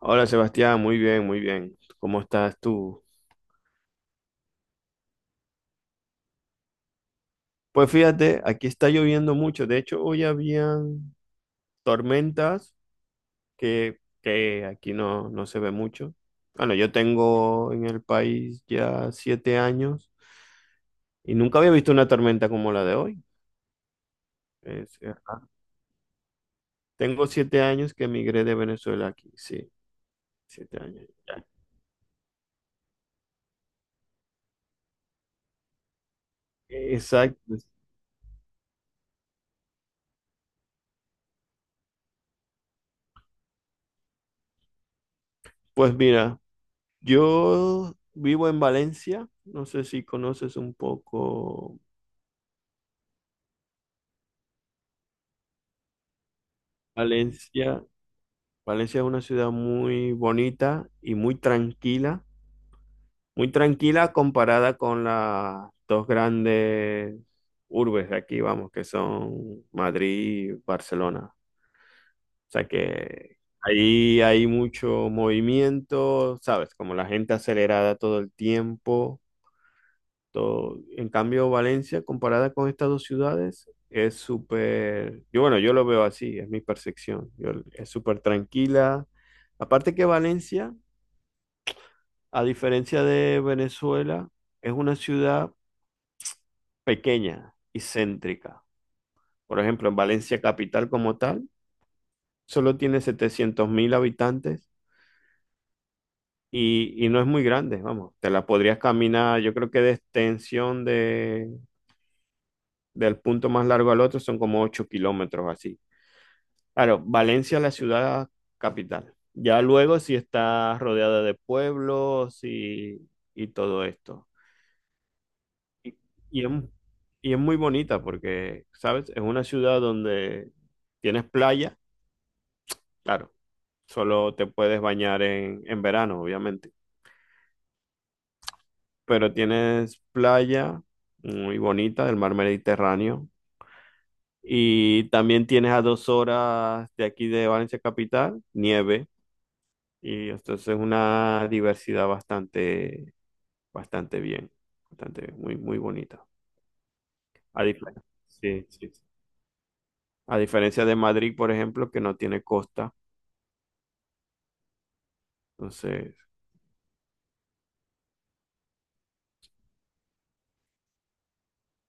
Hola Sebastián, muy bien, muy bien. ¿Cómo estás tú? Pues fíjate, aquí está lloviendo mucho. De hecho, hoy habían tormentas que aquí no se ve mucho. Bueno, yo tengo en el país ya 7 años y nunca había visto una tormenta como la de hoy. Es- eh, Tengo 7 años que emigré de Venezuela aquí, sí, 7 años. Ya. Exacto. Pues mira, yo vivo en Valencia. No sé si conoces un poco. Valencia, Valencia es una ciudad muy bonita y muy tranquila comparada con las dos grandes urbes de aquí, vamos, que son Madrid y Barcelona. O sea que ahí hay mucho movimiento, ¿sabes? Como la gente acelerada todo el tiempo. En cambio, Valencia, comparada con estas dos ciudades, es súper, yo bueno, yo lo veo así, es mi percepción. Es súper tranquila. Aparte que Valencia, a diferencia de Venezuela, es una ciudad pequeña y céntrica. Por ejemplo, en Valencia capital como tal, solo tiene 700.000 habitantes y no es muy grande, vamos, te la podrías caminar. Yo creo que de extensión, de, del punto más largo al otro son como 8 kilómetros así. Claro, Valencia es la ciudad capital. Ya luego sí está rodeada de pueblos y todo esto. Y, y es, y es muy bonita porque, ¿sabes? Es una ciudad donde tienes playa, claro, solo te puedes bañar en verano, obviamente, pero tienes playa muy bonita del mar Mediterráneo, y también tienes a 2 horas de aquí de Valencia capital nieve. Y entonces una diversidad bastante, bastante bien, bastante bien, muy, muy bonita. A diferencia, sí, sí, sí, a diferencia de Madrid, por ejemplo, que no tiene costa. Entonces,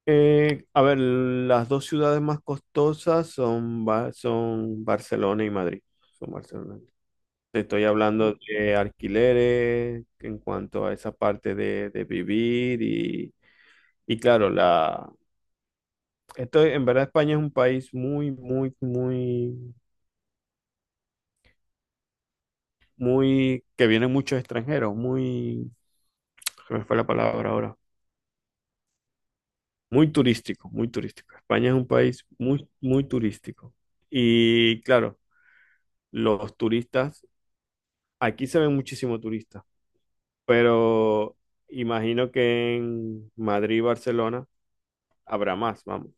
a ver, las dos ciudades más costosas son, son Barcelona y Madrid. Son Barcelona. Te estoy hablando de alquileres en cuanto a esa parte de vivir. Y claro, la, Esto en verdad, España es un país muy, muy, muy muy, que vienen muchos extranjeros, muy, se me fue la palabra ahora, muy turístico, muy turístico. España es un país muy, muy turístico. Y claro, los turistas, aquí se ven muchísimos turistas, pero imagino que en Madrid y Barcelona habrá más, vamos,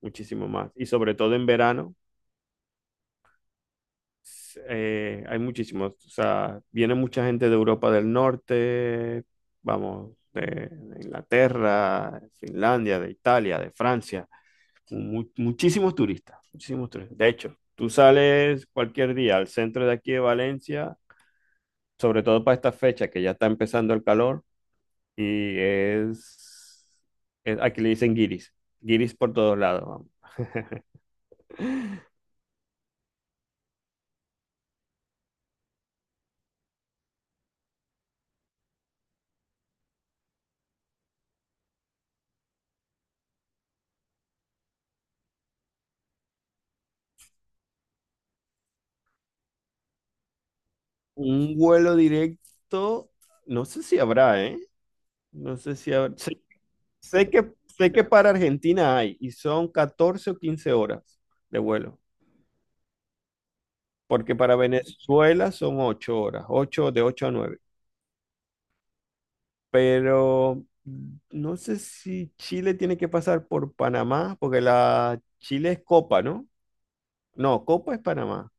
muchísimo más. Y sobre todo en verano, hay muchísimos, o sea, viene mucha gente de Europa del Norte, vamos, de Inglaterra, Finlandia, de Italia, de Francia, muchísimos turistas, muchísimos turistas. De hecho, tú sales cualquier día al centro de aquí de Valencia, sobre todo para esta fecha que ya está empezando el calor, y es, aquí le dicen guiris, guiris por todos lados, vamos. Un vuelo directo, no sé si habrá, ¿eh? No sé si habrá- sé, sé que para Argentina hay, y son 14 o 15 horas de vuelo, porque para Venezuela son 8 horas, ocho, de 8 a 9. Pero no sé si Chile tiene que pasar por Panamá, porque la Chile es Copa, ¿no? No, Copa es Panamá.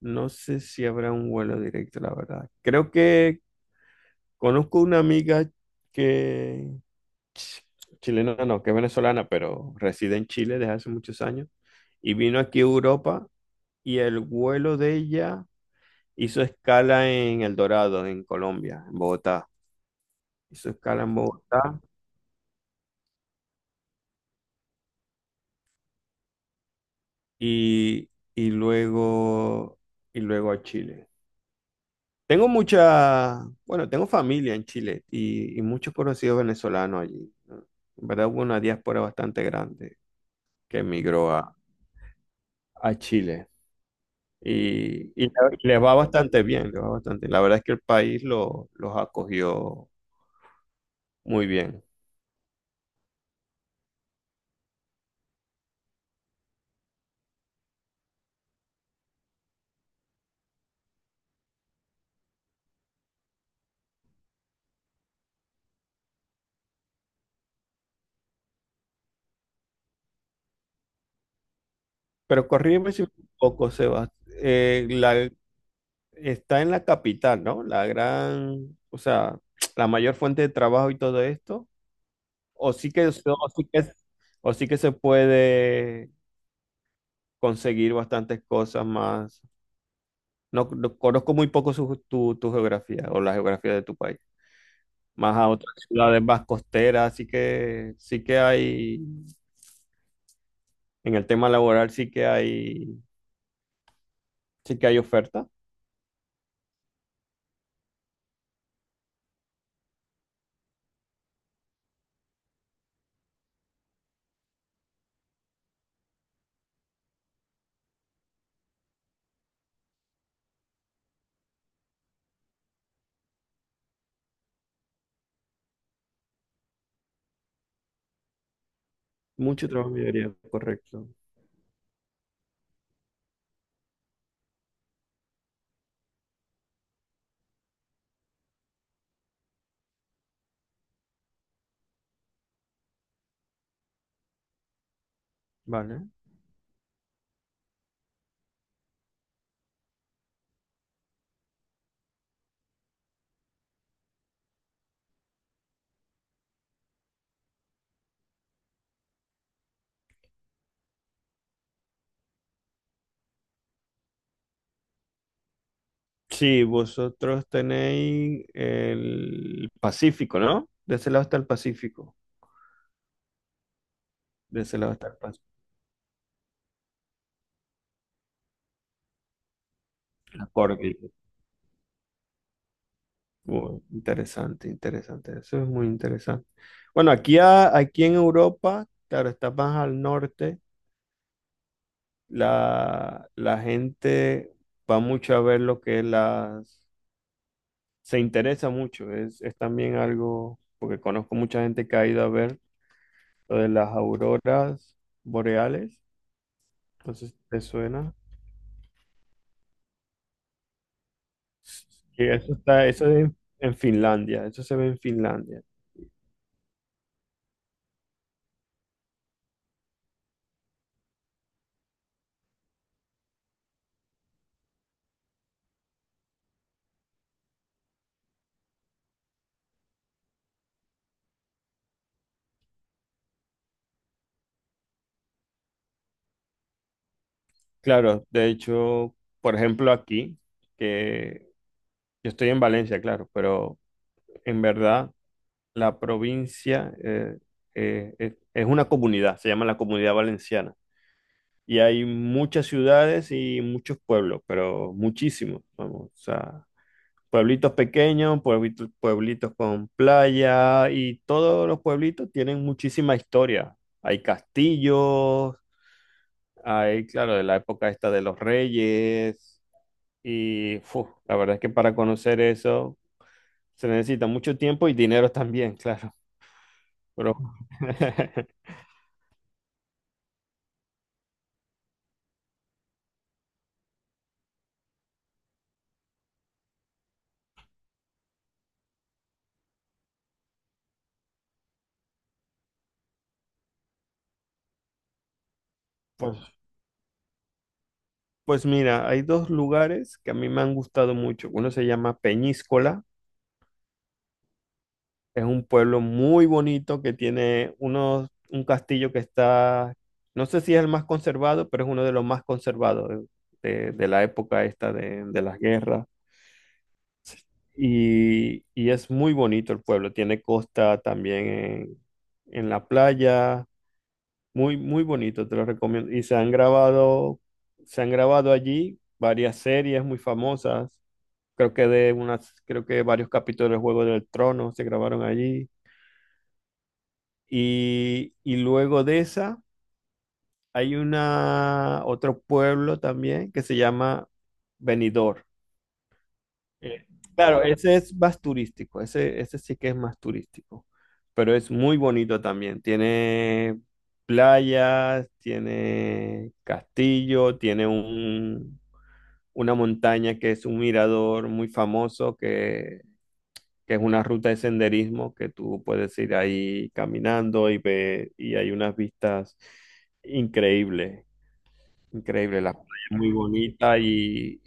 No sé si habrá un vuelo directo, la verdad. Creo que conozco una amiga que, chilena no, que es venezolana, pero reside en Chile desde hace muchos años. Y vino aquí a Europa, y el vuelo de ella hizo escala en El Dorado, en Colombia, en Bogotá. Hizo escala en Bogotá y, y luego, y luego a Chile. Tengo mucha, bueno, tengo familia en Chile y muchos conocidos venezolanos allí, ¿no? En verdad hubo una diáspora bastante grande que emigró a, Chile. Y, y la- y les va bastante bien, les va bastante bien. La verdad es que el país, los acogió muy bien. Pero corrígeme si me equivoco, Sebas. eh, la, Está en la capital, ¿no? La gran, o sea, la mayor fuente de trabajo y todo esto. O sí que, se- o sí que se puede conseguir bastantes cosas más. No, conozco muy poco, tu, tu geografía, o la geografía de tu país. Más a otras ciudades más costeras, así que sí que hay. En el tema laboral sí que hay oferta. Mucho trabajo en minería, correcto. Vale. Sí, vosotros tenéis el Pacífico, ¿no? De ese lado está el Pacífico. De ese lado está el Pacífico. Interesante, interesante. Eso es muy interesante. Bueno, aquí, aquí en Europa, claro, está más al norte. La gente va mucho a ver se interesa mucho, es también algo, porque conozco mucha gente que ha ido a ver lo de las auroras boreales, entonces te suena. Y eso está, eso es en Finlandia, eso se ve en Finlandia. Claro, de hecho, por ejemplo, aquí, que yo estoy en Valencia, claro, pero en verdad la provincia, es una comunidad, se llama la Comunidad Valenciana. Y hay muchas ciudades y muchos pueblos, pero muchísimos, vamos, o sea, pueblitos pequeños, pueblitos, pueblitos con playa, y todos los pueblitos tienen muchísima historia. Hay castillos, hay, claro, de la época esta de los reyes, y fu, la verdad es que para conocer eso se necesita mucho tiempo y dinero también, claro, pero pues, pues mira, hay dos lugares que a mí me han gustado mucho. Uno se llama Peñíscola. Es un pueblo muy bonito que tiene unos, un castillo que está, no sé si es el más conservado, pero es uno de los más conservados, de la época esta de las guerras. Y es muy bonito el pueblo, tiene costa también en la playa, muy, muy bonito, te lo recomiendo. Se han grabado allí varias series muy famosas, creo que de unas, creo que varios capítulos del Juego del Trono se grabaron allí. Y luego de esa, hay una, otro pueblo también que se llama Benidorm. Eh, claro, ese es más turístico, ese sí que es más turístico, pero es muy bonito también. Tiene playas, tiene castillo, tiene un, una montaña que es un mirador muy famoso, que es una ruta de senderismo que tú puedes ir ahí caminando, y ve, y hay unas vistas increíbles, increíbles. La playa es muy bonita,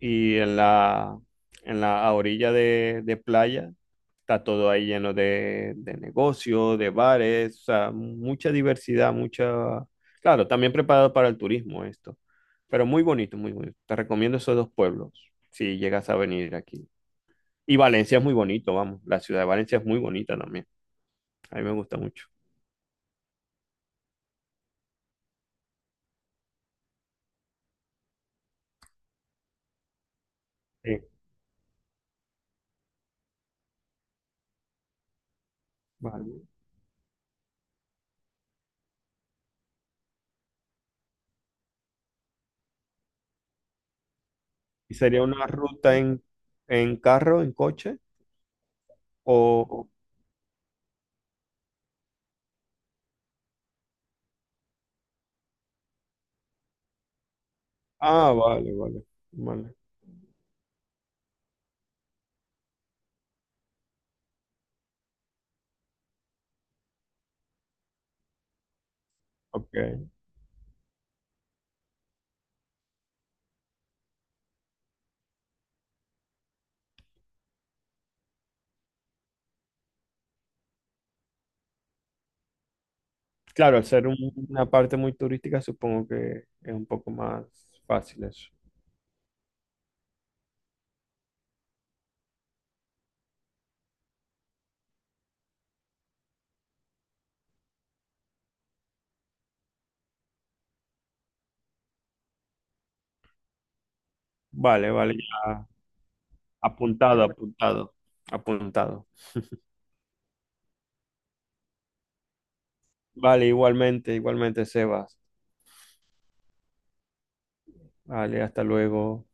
y en la orilla de playa está todo ahí lleno de negocios, de bares, o sea, mucha diversidad, Claro, también preparado para el turismo esto, pero muy bonito, muy bonito. Te recomiendo esos dos pueblos si llegas a venir aquí. Y Valencia es muy bonito, vamos. La ciudad de Valencia es muy bonita también. A mí me gusta mucho. Sí, vale. ¿Y sería una ruta en carro, en coche? O... Ah, vale, vale, vale. Ok. Claro, al ser una parte muy turística, supongo que es un poco más fácil eso. Vale, vale, ya. Apuntado, apuntado, apuntado. Vale, igualmente, igualmente, Sebas. Vale, hasta luego.